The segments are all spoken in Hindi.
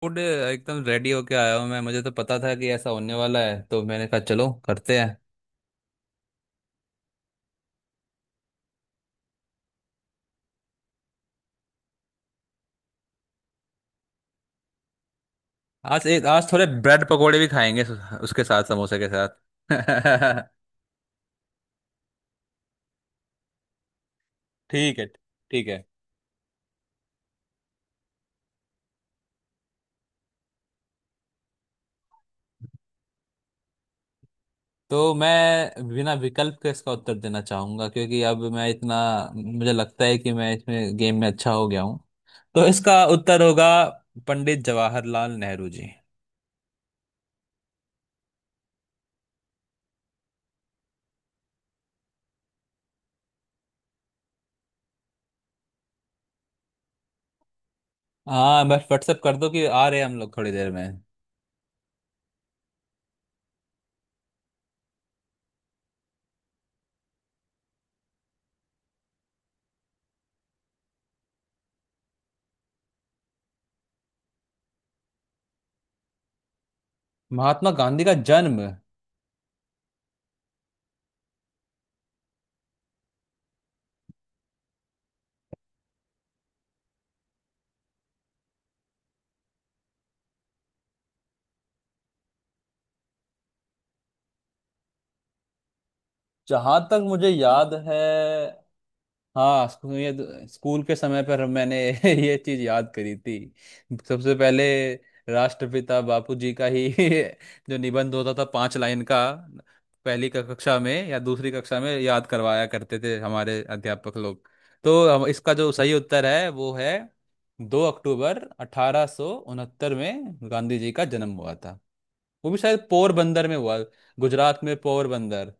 फूड एकदम रेडी होके आया हूँ मैं। मुझे तो पता था कि ऐसा होने वाला है, तो मैंने कहा चलो करते हैं। आज थोड़े ब्रेड पकोड़े भी खाएंगे, उसके साथ समोसे के साथ ठीक है, ठीक है। तो मैं बिना विकल्प के इसका उत्तर देना चाहूंगा, क्योंकि अब मैं इतना मुझे लगता है कि मैं इसमें गेम में अच्छा हो गया हूँ। तो इसका उत्तर होगा पंडित जवाहरलाल नेहरू जी। हाँ, बस व्हाट्सएप कर दो कि आ रहे हैं हम लोग थोड़ी देर में। महात्मा गांधी का जन्म। जहां तक मुझे याद है, हाँ, ये स्कूल के समय पर मैंने ये चीज याद करी थी। सबसे पहले राष्ट्रपिता बापूजी का ही जो निबंध होता था पांच लाइन का। पहली कक्षा में या दूसरी कक्षा में याद करवाया करते थे हमारे अध्यापक लोग। तो हम, इसका जो सही उत्तर है वो है 2 अक्टूबर 1869 में गांधी जी का जन्म हुआ था। वो भी शायद पोरबंदर में हुआ, गुजरात में पोरबंदर।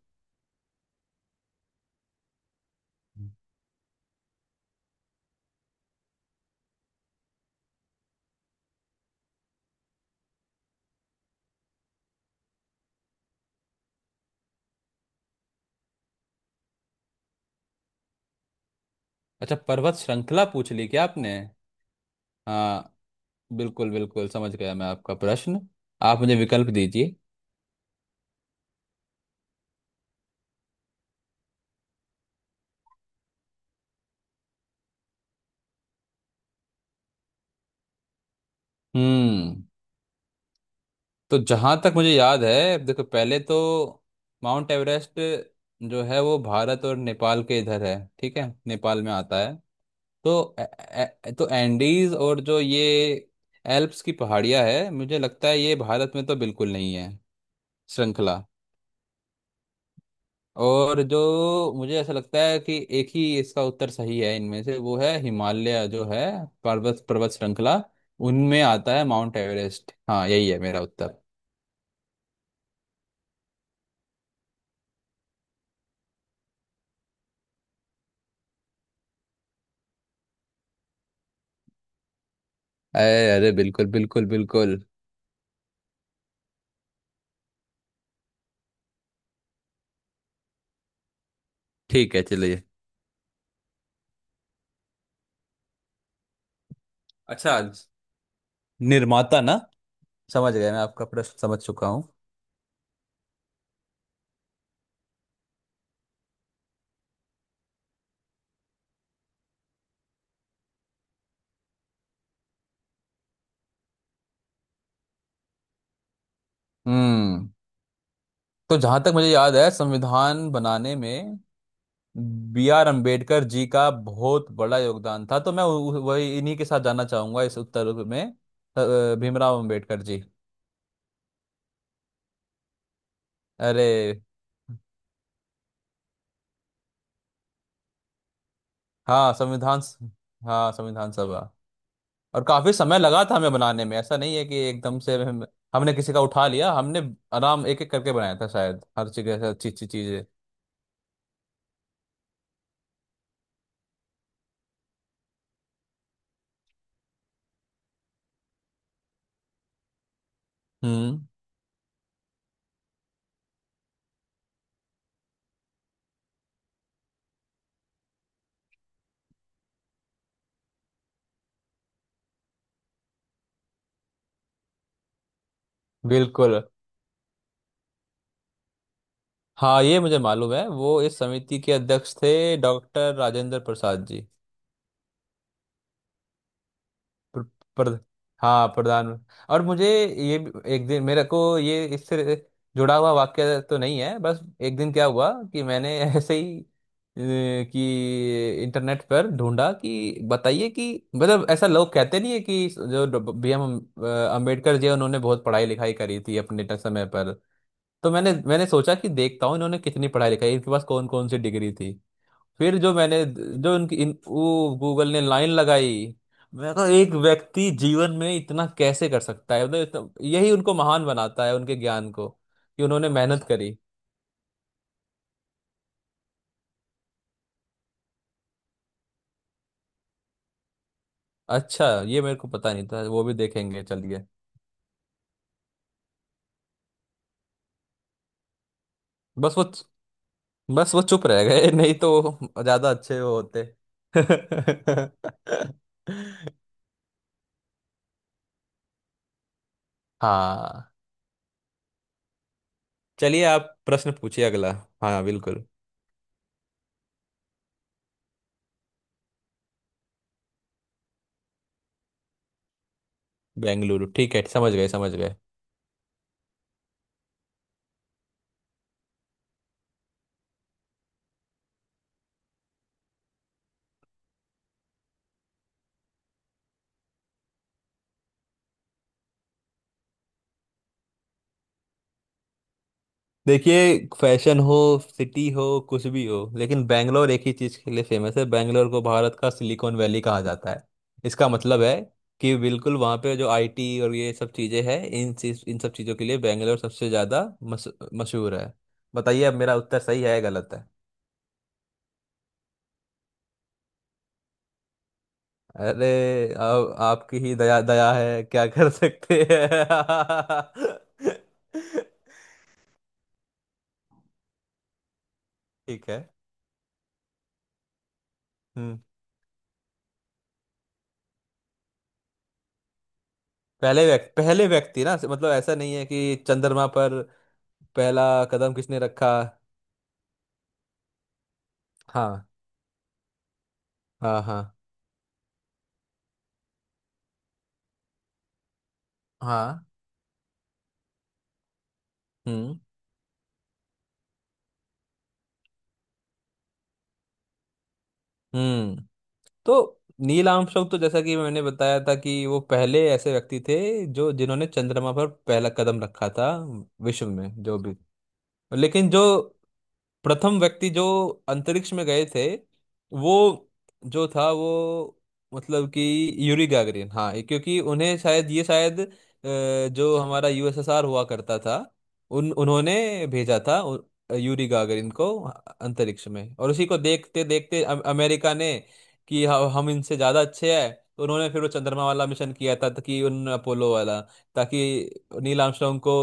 अच्छा, पर्वत श्रृंखला पूछ ली क्या आपने? हाँ, बिल्कुल बिल्कुल समझ गया मैं आपका प्रश्न। आप मुझे विकल्प दीजिए। हम्म। तो जहाँ तक मुझे याद है, देखो, पहले तो माउंट एवरेस्ट जो है वो भारत और नेपाल के इधर है, ठीक है, नेपाल में आता है। तो ए, ए, तो एंडीज, और जो ये एल्प्स की पहाड़ियाँ है, मुझे लगता है ये भारत में तो बिल्कुल नहीं है। श्रृंखला और जो मुझे ऐसा लगता है कि एक ही इसका उत्तर सही है इनमें से, वो है हिमालय जो है। पर्वत पर्वत श्रृंखला, उनमें आता है माउंट एवरेस्ट। हाँ, यही है मेरा उत्तर। अरे अरे, बिल्कुल बिल्कुल बिल्कुल। ठीक है, चलिए। अच्छा। निर्माता, ना? समझ गया, मैं आपका प्रश्न समझ चुका हूँ। हम्म। तो जहां तक मुझे याद है, संविधान बनाने में B R अम्बेडकर जी का बहुत बड़ा योगदान था, तो मैं वही, इन्हीं के साथ जाना चाहूंगा इस उत्तर में। भीमराव अम्बेडकर जी। अरे। हाँ, संविधान हाँ, संविधान सभा। और काफी समय लगा था हमें बनाने में, ऐसा नहीं है कि एकदम से हमने किसी का उठा लिया, हमने आराम एक एक करके बनाया था, शायद हर जगह से अच्छी अच्छी चीजें। हम्म। बिल्कुल। हाँ, ये मुझे मालूम है, वो इस समिति के अध्यक्ष थे डॉक्टर राजेंद्र प्रसाद जी। प्र, प्र, हाँ, प्रधान। और मुझे एक दिन, मेरे को ये इससे जुड़ा हुआ वाक्य तो नहीं है, बस एक दिन क्या हुआ कि मैंने ऐसे ही कि इंटरनेट पर ढूंढा, कि बताइए कि, मतलब ऐसा लोग कहते नहीं है कि जो B M अम्बेडकर जी हैं, उन्होंने बहुत पढ़ाई लिखाई करी थी अपने समय पर। तो मैंने मैंने सोचा कि देखता हूँ इन्होंने कितनी पढ़ाई लिखाई, इनके पास कौन कौन सी डिग्री थी। फिर जो मैंने जो उनकी इन वो, गूगल ने लाइन लगाई। मैं कहा, एक व्यक्ति जीवन में इतना कैसे कर सकता है, मतलब यही उनको महान बनाता है, उनके ज्ञान को, कि उन्होंने मेहनत करी। अच्छा, ये मेरे को पता नहीं था, वो भी देखेंगे, चलिए। बस वो बस वो चुप रह गए, नहीं तो ज्यादा अच्छे वो होते। हाँ। चलिए, आप प्रश्न पूछिए अगला। हाँ, बिल्कुल। बेंगलुरु, ठीक है, समझ गए समझ गए। देखिए, फैशन हो, सिटी हो, कुछ भी हो, लेकिन बैंगलोर एक ही चीज़ के लिए फेमस है, बैंगलोर को भारत का सिलिकॉन वैली कहा जाता है। इसका मतलब है कि बिल्कुल वहाँ पे जो आईटी और ये सब चीज़ें हैं, इन सब चीज़ों के लिए बैंगलोर सबसे ज़्यादा मशहूर है। बताइए, अब मेरा उत्तर सही है या गलत है? अरे। अब आपकी ही दया दया है, क्या कर सकते हैं। ठीक है। हम्म। पहले व्यक्ति, पहले व्यक्ति, ना मतलब ऐसा नहीं है कि चंद्रमा पर पहला कदम किसने रखा। हाँ हाँ, हाँ हाँ। हम्म, हम्म। तो नील आर्मस्ट्रांग, तो जैसा कि मैंने बताया था कि वो पहले ऐसे व्यक्ति थे जो जिन्होंने चंद्रमा पर पहला कदम रखा था, विश्व में जो भी। लेकिन जो प्रथम व्यक्ति जो अंतरिक्ष में गए थे, वो जो था वो, मतलब कि यूरी गैगरिन, हाँ। क्योंकि उन्हें शायद, ये शायद जो हमारा यूएसएसआर हुआ करता था, उन उन्होंने भेजा था यूरी गागरिन को अंतरिक्ष में। और उसी को देखते देखते अमेरिका ने, कि हम इनसे ज़्यादा अच्छे हैं, तो उन्होंने फिर वो चंद्रमा वाला मिशन किया था, ताकि उन अपोलो वाला ताकि नील आर्मस्ट्रॉन्ग को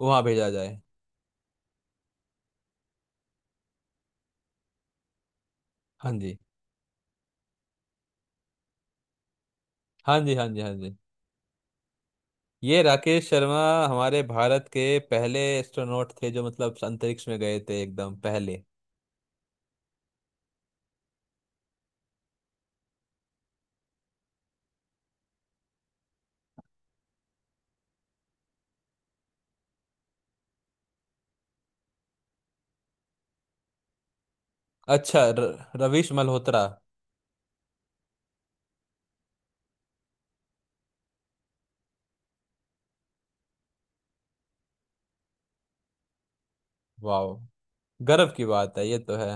वहाँ भेजा जाए। हाँ जी, हाँ जी, हाँ जी, हाँ जी। ये राकेश शर्मा हमारे भारत के पहले एस्ट्रोनॉट थे, जो मतलब अंतरिक्ष में गए थे एकदम पहले। अच्छा, रवीश मल्होत्रा। वाह, गर्व की बात है, ये तो है।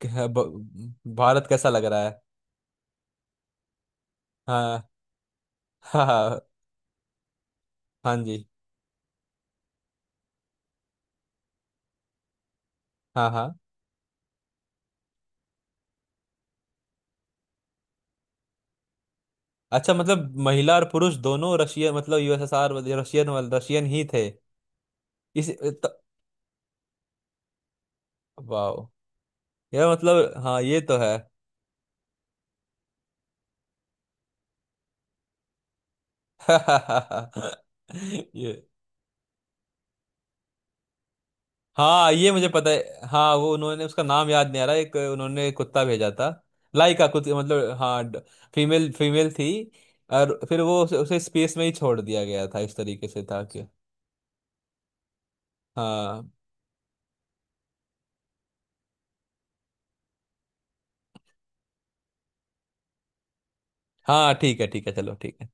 क्या भारत कैसा लग रहा है? हाँ हाँ हाँ। हाँ जी, हाँ हाँ। अच्छा, मतलब महिला और पुरुष दोनों रशियन, मतलब यूएसएसआर वाले- रशियन ही थे। इस त, वाह। यह मतलब, हाँ, ये तो है। ये। हाँ, ये मुझे पता है, हाँ, वो उन्होंने उसका नाम याद नहीं आ रहा, एक उन्होंने कुत्ता भेजा था। लाइका कुछ, मतलब, हाँ। फीमेल फीमेल थी। और फिर वो उसे स्पेस में ही छोड़ दिया गया था, इस तरीके से था कि। हाँ हाँ, ठीक है ठीक है, चलो ठीक।